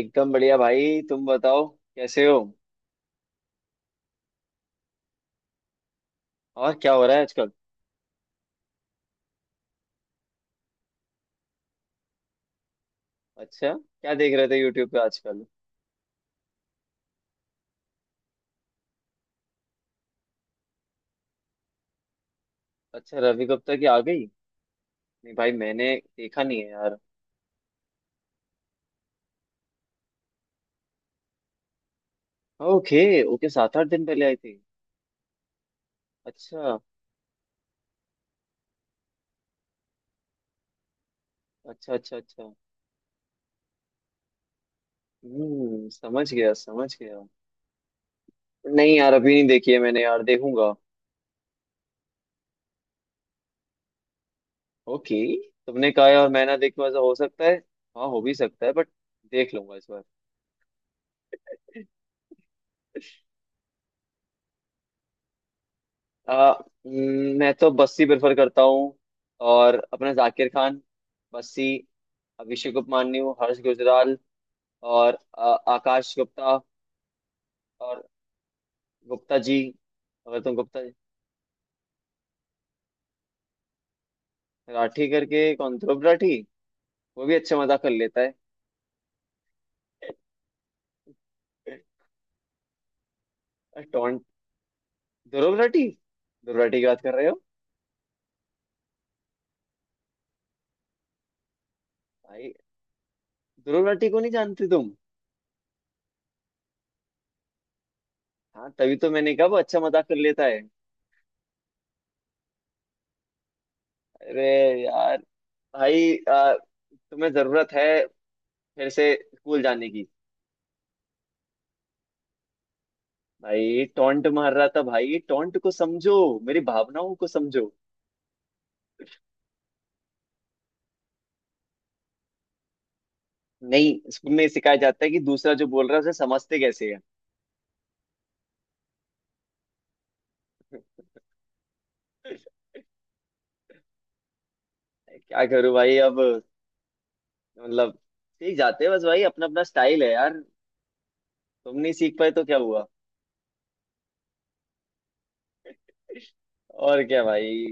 एकदम बढ़िया भाई। तुम बताओ कैसे हो। और क्या हो रहा है आजकल? अच्छा, क्या देख रहे थे यूट्यूब पे आजकल? अच्छा, रवि गुप्ता की आ गई। नहीं भाई, मैंने देखा नहीं है यार। ओके। ओके, सात आठ दिन पहले आई थी। अच्छा अच्छा अच्छा। अच्छा। हम्म, समझ गया समझ गया। नहीं यार, अभी नहीं देखी है मैंने यार, देखूंगा। ओके। तुमने कहा है और मैं ना देखूं, ऐसा हो सकता है? हाँ, हो भी सकता है, बट देख लूंगा इस बार। आ, मैं तो बस्सी प्रेफर करता हूँ, और अपने जाकिर खान, बस्सी, अभिषेक उपमन्यु, हर्ष गुजराल, और आकाश गुप्ता। और गुप्ता जी, अगर तुम गुप्ता जी। राठी करके कौन, ध्रुव राठी? वो भी अच्छा मजाक कर लेता है। टॉन्ट। ध्रुव राठी। ध्रुव राठी की बात कर रहे हो। भाई, ध्रुव राठी को नहीं जानते तुम? हाँ, तभी तो मैंने कहा वो अच्छा मजाक कर लेता है। अरे यार, भाई तुम्हें जरूरत है फिर से स्कूल जाने की। भाई टोंट मार रहा था, भाई टोंट को समझो, मेरी भावनाओं को समझो। नहीं, स्कूल में सिखाया जाता है कि दूसरा जो बोल रहा है उसे समझते कैसे है। क्या करूं भाई अब, मतलब सीख जाते हैं बस भाई, अपना अपना स्टाइल है यार। तुम नहीं सीख पाए तो क्या हुआ। और क्या भाई।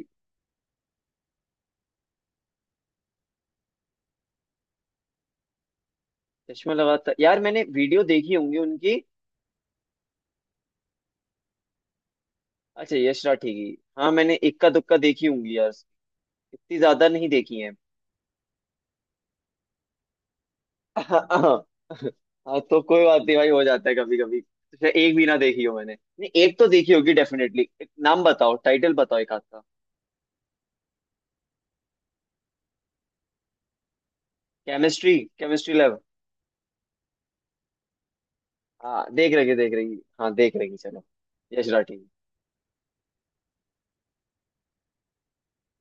चश्मा लगा था यार, मैंने वीडियो देखी होंगी उनकी। अच्छा, यश राठी की। हाँ, मैंने इक्का दुक्का देखी होंगी यार, इतनी ज्यादा नहीं देखी है। हाँ। हाँ, तो कोई बात नहीं भाई, हो जाता है कभी कभी। तो एक भी ना देखी हो मैंने। नहीं, एक तो देखी होगी डेफिनेटली। नाम बताओ, टाइटल बताओ एक हाथ का। Chemistry, chemistry lab. हाँ देख रही है, देख रही है। हाँ देख रही है। चलो। यश राठी।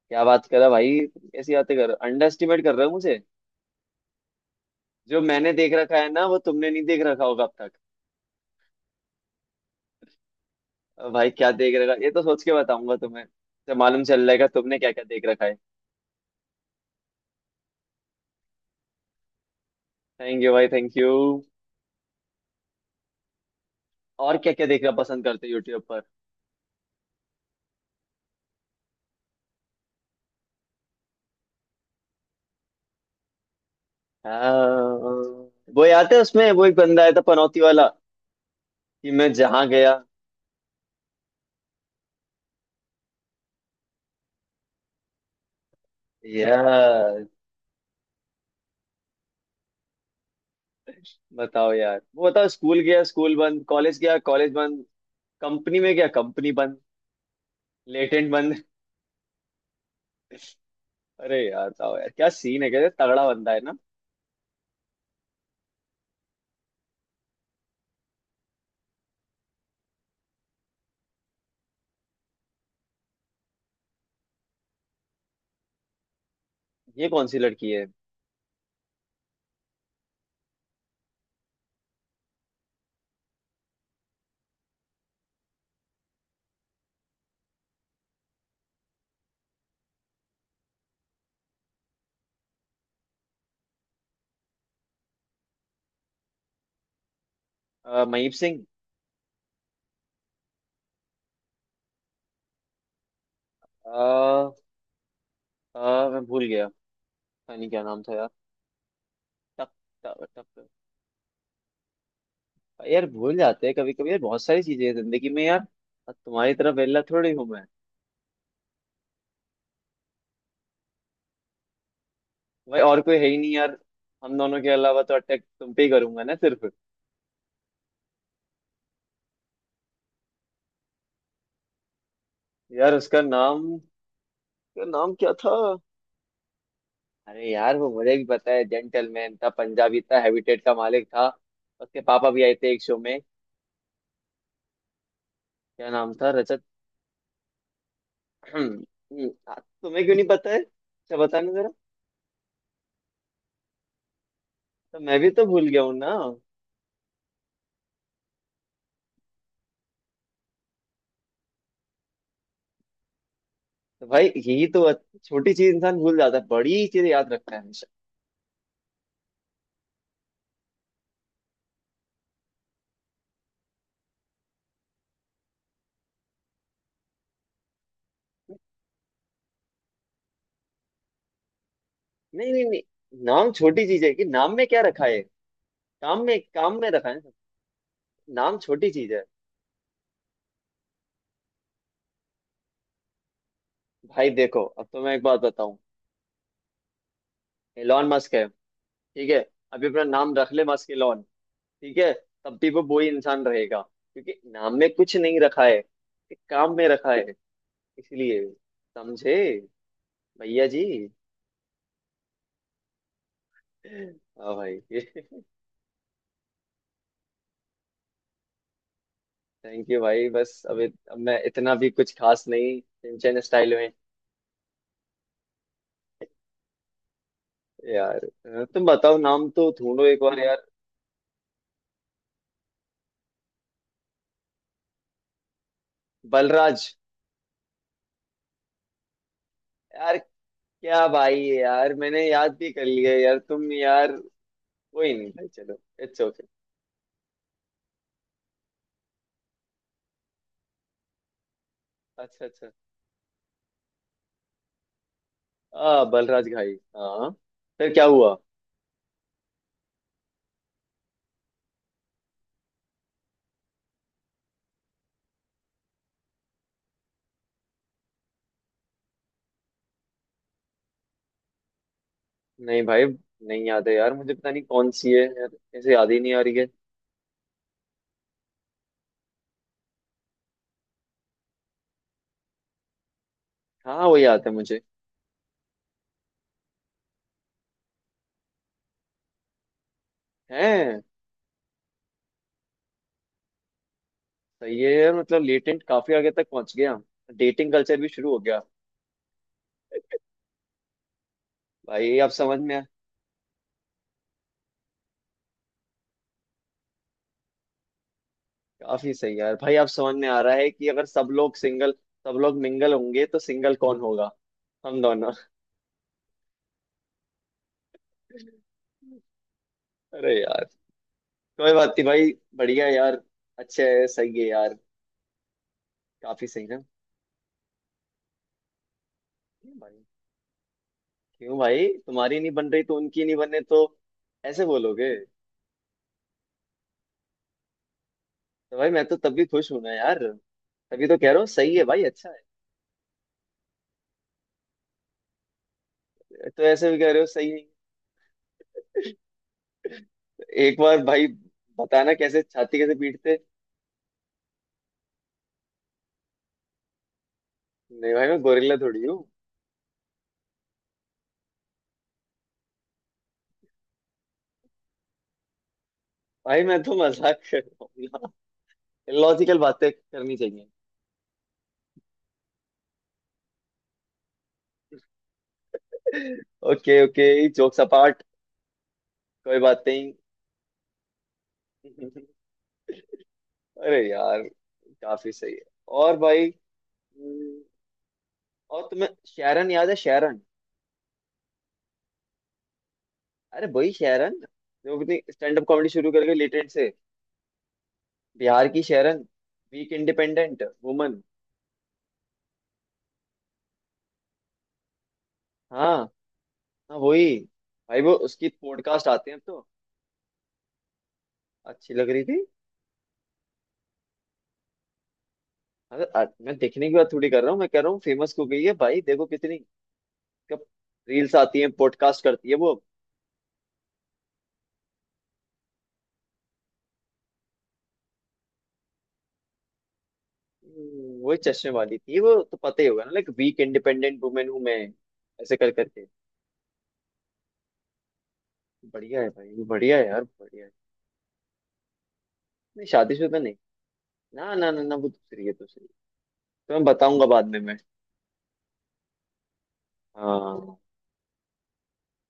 क्या बात कर रहा भाई, तुम कैसी बातें कर रहे हो, अंडर एस्टिमेट कर रहे हो मुझे। जो मैंने देख रखा है ना, वो तुमने नहीं देख रखा होगा अब तक। अब भाई क्या देख रखा, ये तो सोच के बताऊंगा तुम्हें, तो मालूम चल जाएगा तुमने क्या क्या देख रखा है। थैंक यू भाई, थैंक यू। और क्या क्या देखना पसंद करते हो यूट्यूब पर? हाँ, वो याद है उसमें वो एक बंदा आया था पनौती वाला, कि मैं जहाँ गया। यार बताओ यार, वो बताओ, स्कूल गया स्कूल बंद, कॉलेज गया कॉलेज बंद, कंपनी में गया कंपनी बंद। लेटेंट बंद। अरे यार बताओ यार, क्या सीन है, क्या तगड़ा बंदा है ना। ये कौन सी लड़की है? महीप सिंह। अ, मैं भूल गया, पता नहीं क्या नाम था यार। टक। टक टक। यार भूल जाते हैं कभी कभी यार, बहुत सारी चीजें हैं जिंदगी में यार। अब तुम्हारी तरह वेला थोड़ी हूँ मैं। भाई और कोई है ही नहीं यार, हम दोनों के अलावा, तो अटैक तुम पे ही करूंगा ना सिर्फ। यार उसका नाम, उसका नाम क्या था। अरे यार, वो मुझे भी पता है, जेंटलमैन था, पंजाबी था, हैबिटेट का मालिक था, उसके पापा भी आए थे एक शो में। क्या नाम था, रजत? आ, तुम्हें क्यों नहीं पता है, अच्छा बताना जरा। तो मैं भी तो भूल गया हूँ ना। तो भाई यही तो, छोटी चीज इंसान भूल जाता है, बड़ी चीज याद रखता है हमेशा। नहीं नहीं नहीं, नाम छोटी चीज है, कि नाम में क्या रखा है। काम में, काम में रखा है ना। नाम छोटी चीज है। भाई देखो, अब तो मैं एक बात बताऊं। एलॉन मस्क है, ठीक है। अभी अपना नाम रख ले मस्क एलॉन, ठीक है। तब भी वो वही इंसान रहेगा, क्योंकि नाम में कुछ नहीं रखा है, एक काम में रखा है। इसलिए, समझे भैया जी। हाँ भाई। थैंक यू भाई, बस अब अब मैं इतना भी कुछ खास नहीं, सिंचन स्टाइल में। यार तुम बताओ, नाम तो ढूंढो एक बार यार। बलराज। यार क्या भाई है यार, मैंने याद भी कर लिया यार, तुम यार। कोई नहीं भाई, चलो। It's okay. अच्छा अच्छा, आ बलराज घाई, हाँ। फिर क्या हुआ? नहीं भाई, नहीं याद है यार मुझे, पता नहीं कौन सी है यार, ऐसे याद ही नहीं आ रही है। हाँ वो याद है मुझे। है। सही है यार, मतलब लेटेंट काफी आगे तक पहुंच गया, डेटिंग कल्चर भी शुरू हो गया। भाई आप समझ में काफी सही यार, भाई आप समझ में आ रहा है कि अगर सब लोग सिंगल, सब लोग मिंगल होंगे तो सिंगल कौन होगा? हम दोनों। अरे यार, कोई बात नहीं भाई, बढ़िया यार, अच्छा है, सही है यार, काफी सही ना। क्यों भाई? क्यों भाई, तुम्हारी नहीं बन रही तो उनकी नहीं बने, तो ऐसे बोलोगे? तो भाई मैं तो तब भी खुश हूं ना यार, तभी तो कह रहा हूँ सही है भाई, अच्छा है तो। ऐसे भी कह रहे हो, सही है। तो एक बार भाई बताना, कैसे छाती कैसे पीटते। नहीं भाई, मैं गोरिल्ला थोड़ी हूँ। भाई मैं तो मजाक कर रहा हूँ, लॉजिकल बातें करनी चाहिए। ओके ओके, जोक्स अपार्ट, कोई बात नहीं। अरे यार, काफी सही है। और भाई। हम्म, और तुम्हें शेरन याद है, शेरन? अरे वही शेरन, जो अपनी स्टैंड अप कॉमेडी शुरू करके लिटरेट से, बिहार की शेरन, वीक इंडिपेंडेंट वुमन। हाँ, हाँ वही। भाई वो उसकी पॉडकास्ट आते हैं अब तो। अच्छी लग रही थी। अरे मैं देखने की बात थोड़ी कर रहा हूँ, मैं कह रहा हूँ फेमस हो गई है भाई, देखो कितनी, कब रील्स आती हैं, पॉडकास्ट करती है वो। वही चश्मे वाली थी, वो तो पता ही होगा ना, लाइक वीक इंडिपेंडेंट वुमेन हूँ मैं, ऐसे कर करके। बढ़िया है भाई, बढ़िया है यार, बढ़िया है। नहीं, शादीशुदा नहीं, ना ना ना ना, वो दूसरी है दूसरी। तो मैं बताऊंगा बाद में मैं। हाँ।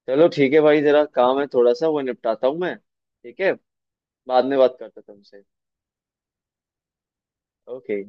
चलो ठीक है भाई, जरा काम है थोड़ा सा, वो निपटाता हूँ मैं, ठीक है। बाद में बात करता हूँ तुमसे। ओके।